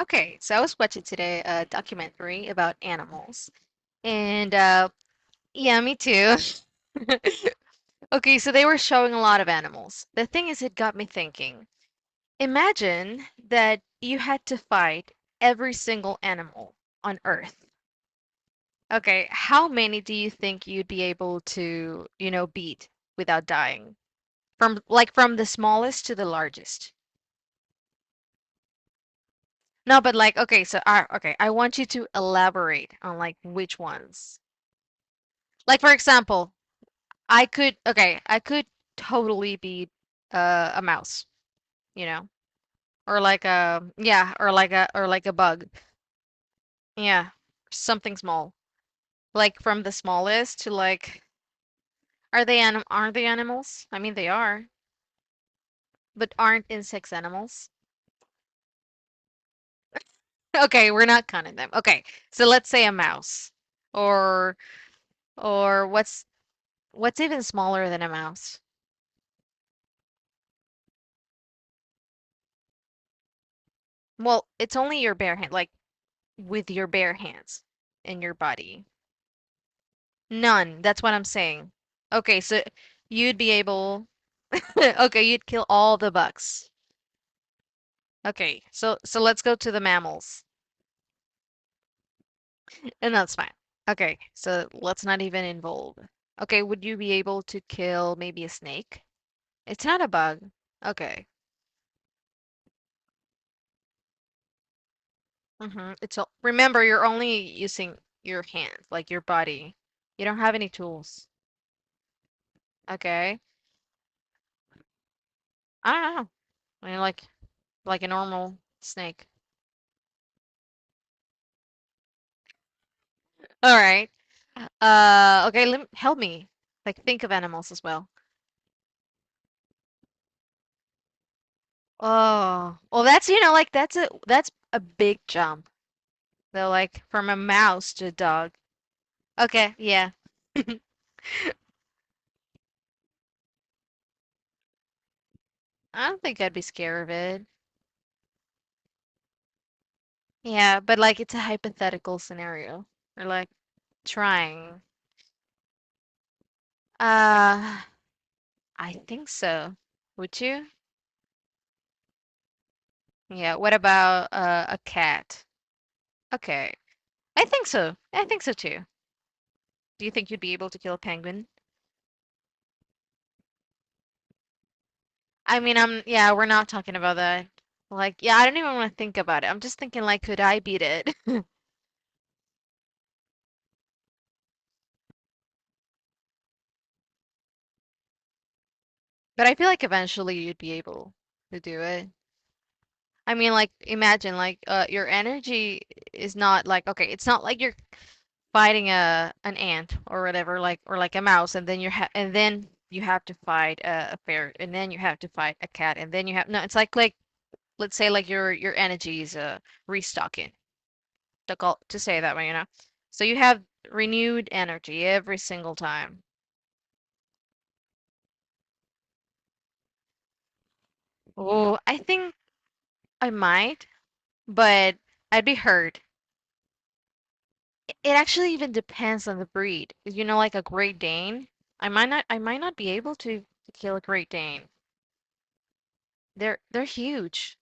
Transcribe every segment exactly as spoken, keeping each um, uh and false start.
Okay, so I was watching today a documentary about animals, and uh, yeah, me too. Okay, so they were showing a lot of animals. The thing is, it got me thinking. Imagine that you had to fight every single animal on Earth. Okay, how many do you think you'd be able to, you know, beat without dying? From like from the smallest to the largest. No, but like, okay, so I, okay, I want you to elaborate on like which ones. Like for example, I could okay, I could totally be uh, a mouse, you know, or like a yeah, or like a or like a bug. Yeah, something small. Like from the smallest to like are they anim are they animals? I mean they are, but aren't insects animals? Okay, we're not counting them. Okay. So let's say a mouse or or what's what's even smaller than a mouse? Well, it's only your bare hand, like with your bare hands and your body. None. That's what I'm saying. Okay, so you'd be able okay, you'd kill all the bugs. Okay, so so let's go to the mammals. And that's fine. Okay, so let's not even involve. Okay, would you be able to kill maybe a snake? It's not a bug. Okay. Mm-hmm. It's all, remember you're only using your hands, like your body. You don't have any tools. Okay. I don't know. I mean like like a normal snake. All right. Uh, okay, lem help me. Like think of animals as well. Oh, well, that's you know, like that's a that's a big jump. Though, like from a mouse to a dog. Okay, yeah. I don't think I'd be scared of it. Yeah, but like it's a hypothetical scenario. Or like trying. Uh, I think so. Would you? Yeah, what about uh, a cat? Okay. I think so. I think so too. Do you think you'd be able to kill a penguin? I mean, I'm yeah, we're not talking about that. Like, yeah, I don't even want to think about it. I'm just thinking like, could I beat it? But I feel like eventually you'd be able to do it. I mean, like, imagine like uh your energy is not like okay, it's not like you're fighting a an ant or whatever, like or like a mouse, and then you're ha and then you have to fight a, a bear, and then you have to fight a cat, and then you have no, it's like like let's say like your your energy is uh restocking. Difficult to say that way, you know. So you have renewed energy every single time. Oh, I think I might, but I'd be hurt. It actually even depends on the breed. You know, like a Great Dane, I might not, I might not be able to to kill a Great Dane. They're they're huge.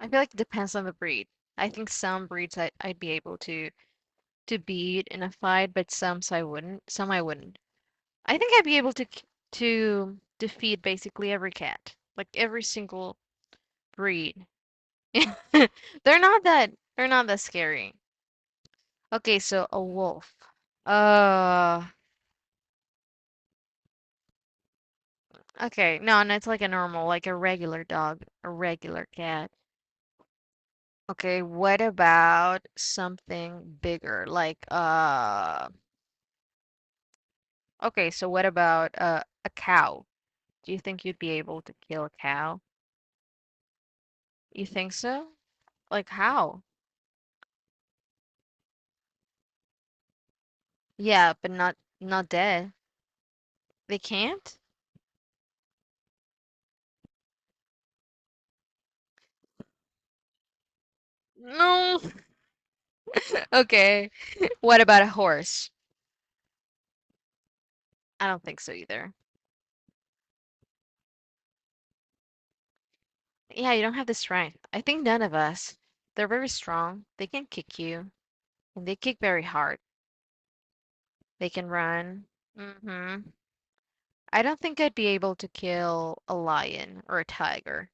I feel like it depends on the breed. I think some breeds I, I'd be able to to beat in a fight, but some I wouldn't. Some I wouldn't. I think I'd be able to k- To defeat basically every cat, like every single breed. They're not that they're not that scary. Okay, so a wolf. Uh, okay. No, and it's like a normal, like a regular dog, a regular cat. Okay, what about something bigger? Like uh, okay, so what about uh, a cow? Do you think you'd be able to kill a cow? You think so? Like how? Yeah, but not not dead. They can't? No. Okay. What about a horse? I don't think so either. Yeah, you don't have the strength. I think none of us. They're very strong. They can kick you, and they kick very hard. They can run. Hmm, I don't think I'd be able to kill a lion or a tiger.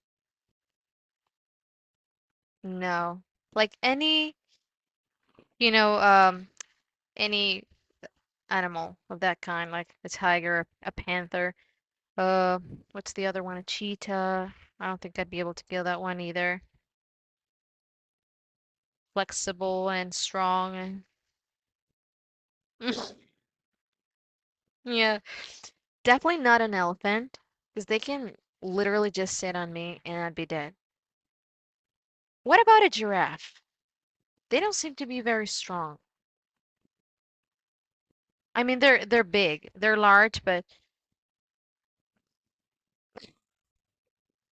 No. Like any, you know, um, any animal of that kind, like a tiger, a panther, uh, what's the other one? A cheetah. I don't think I'd be able to kill that one either. Flexible and strong and yeah. Definitely not an elephant, because they can literally just sit on me and I'd be dead. What about a giraffe? They don't seem to be very strong. I mean, they're they're big, they're large, but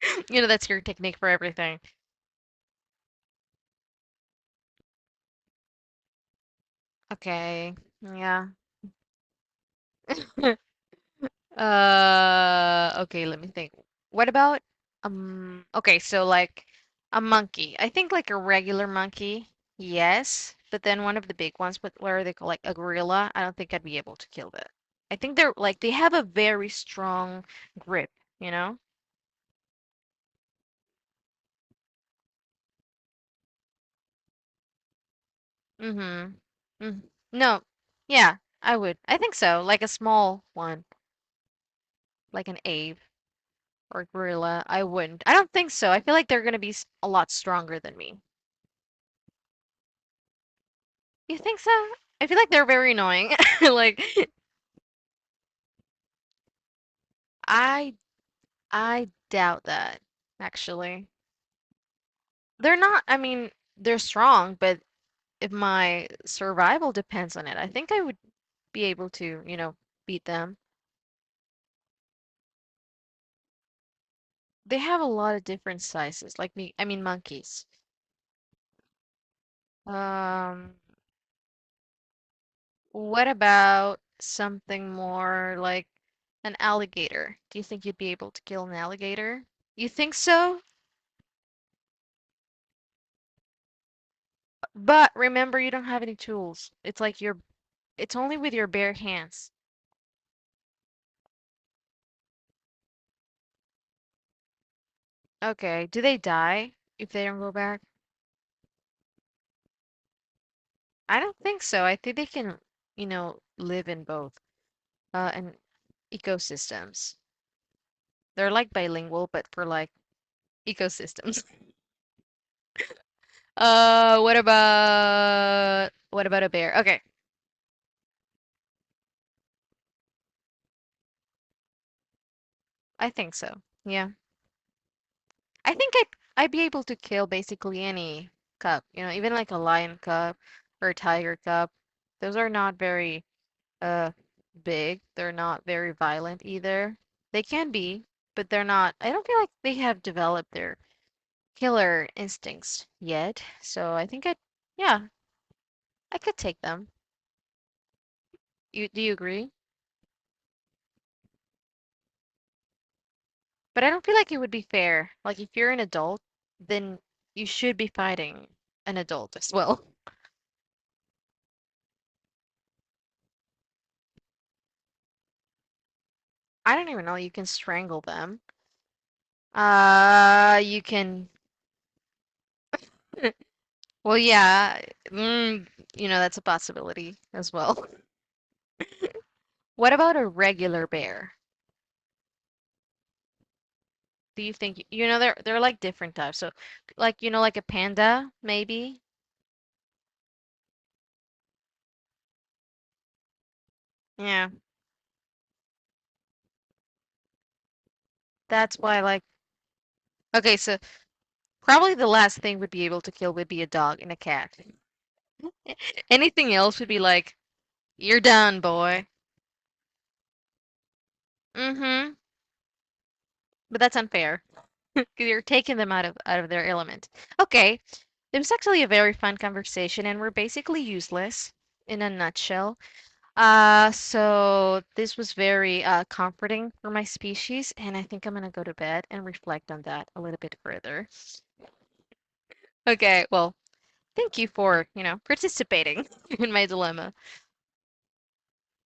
you know that's your technique for everything. Okay, yeah. Uh, okay, let me think. What about um, okay, so like a monkey. I think like a regular monkey, yes, but then one of the big ones, but what are they called? Like a gorilla. I don't think I'd be able to kill that. I think they're like they have a very strong grip, you know? Mm-hmm. Mm. No. Yeah, I would. I think so. Like a small one, like an ape or gorilla. I wouldn't. I don't think so. I feel like they're gonna be s- a lot stronger than me. You think so? I feel like they're very annoying. Like I I doubt that actually. They're not, I mean, they're strong, but if my survival depends on it, I think I would be able to, you know, beat them. They have a lot of different sizes, like me, I mean monkeys. Um, what about something more like an alligator? Do you think you'd be able to kill an alligator? You think so? But remember, you don't have any tools. It's like you're it's only with your bare hands. Okay. Do they die if they don't go back? I don't think so. I think they can, you know, live in both uh and ecosystems. They're like bilingual, but for like ecosystems. Uh, what about what about a bear? Okay, I think so. Yeah. I think I I'd be able to kill basically any cub, you know, even like a lion cub or a tiger cub. Those are not very uh big. They're not very violent either. They can be, but they're not. I don't feel like they have developed their killer instincts yet. So I think I, yeah, I could take them. You do you agree? But I don't feel like it would be fair. Like if you're an adult, then you should be fighting an adult as well. I don't even know. You can strangle them. Uh, you can. Well, yeah. Mm, you know, that's a possibility as well. What about a regular bear, do you think? You know, they're they're like different types. So, like you know, like a panda, maybe. Yeah, that's why. Like, okay, so probably the last thing we'd be able to kill would be a dog and a cat. Anything else would be like, you're done, boy. Mm-hmm. But that's unfair. 'Cause you're taking them out of out of their element. Okay, it was actually a very fun conversation, and we're basically useless in a nutshell. Uh, so this was very uh, comforting for my species, and I think I'm gonna go to bed and reflect on that a little bit further. Okay, well, thank you for, you know, participating in my dilemma.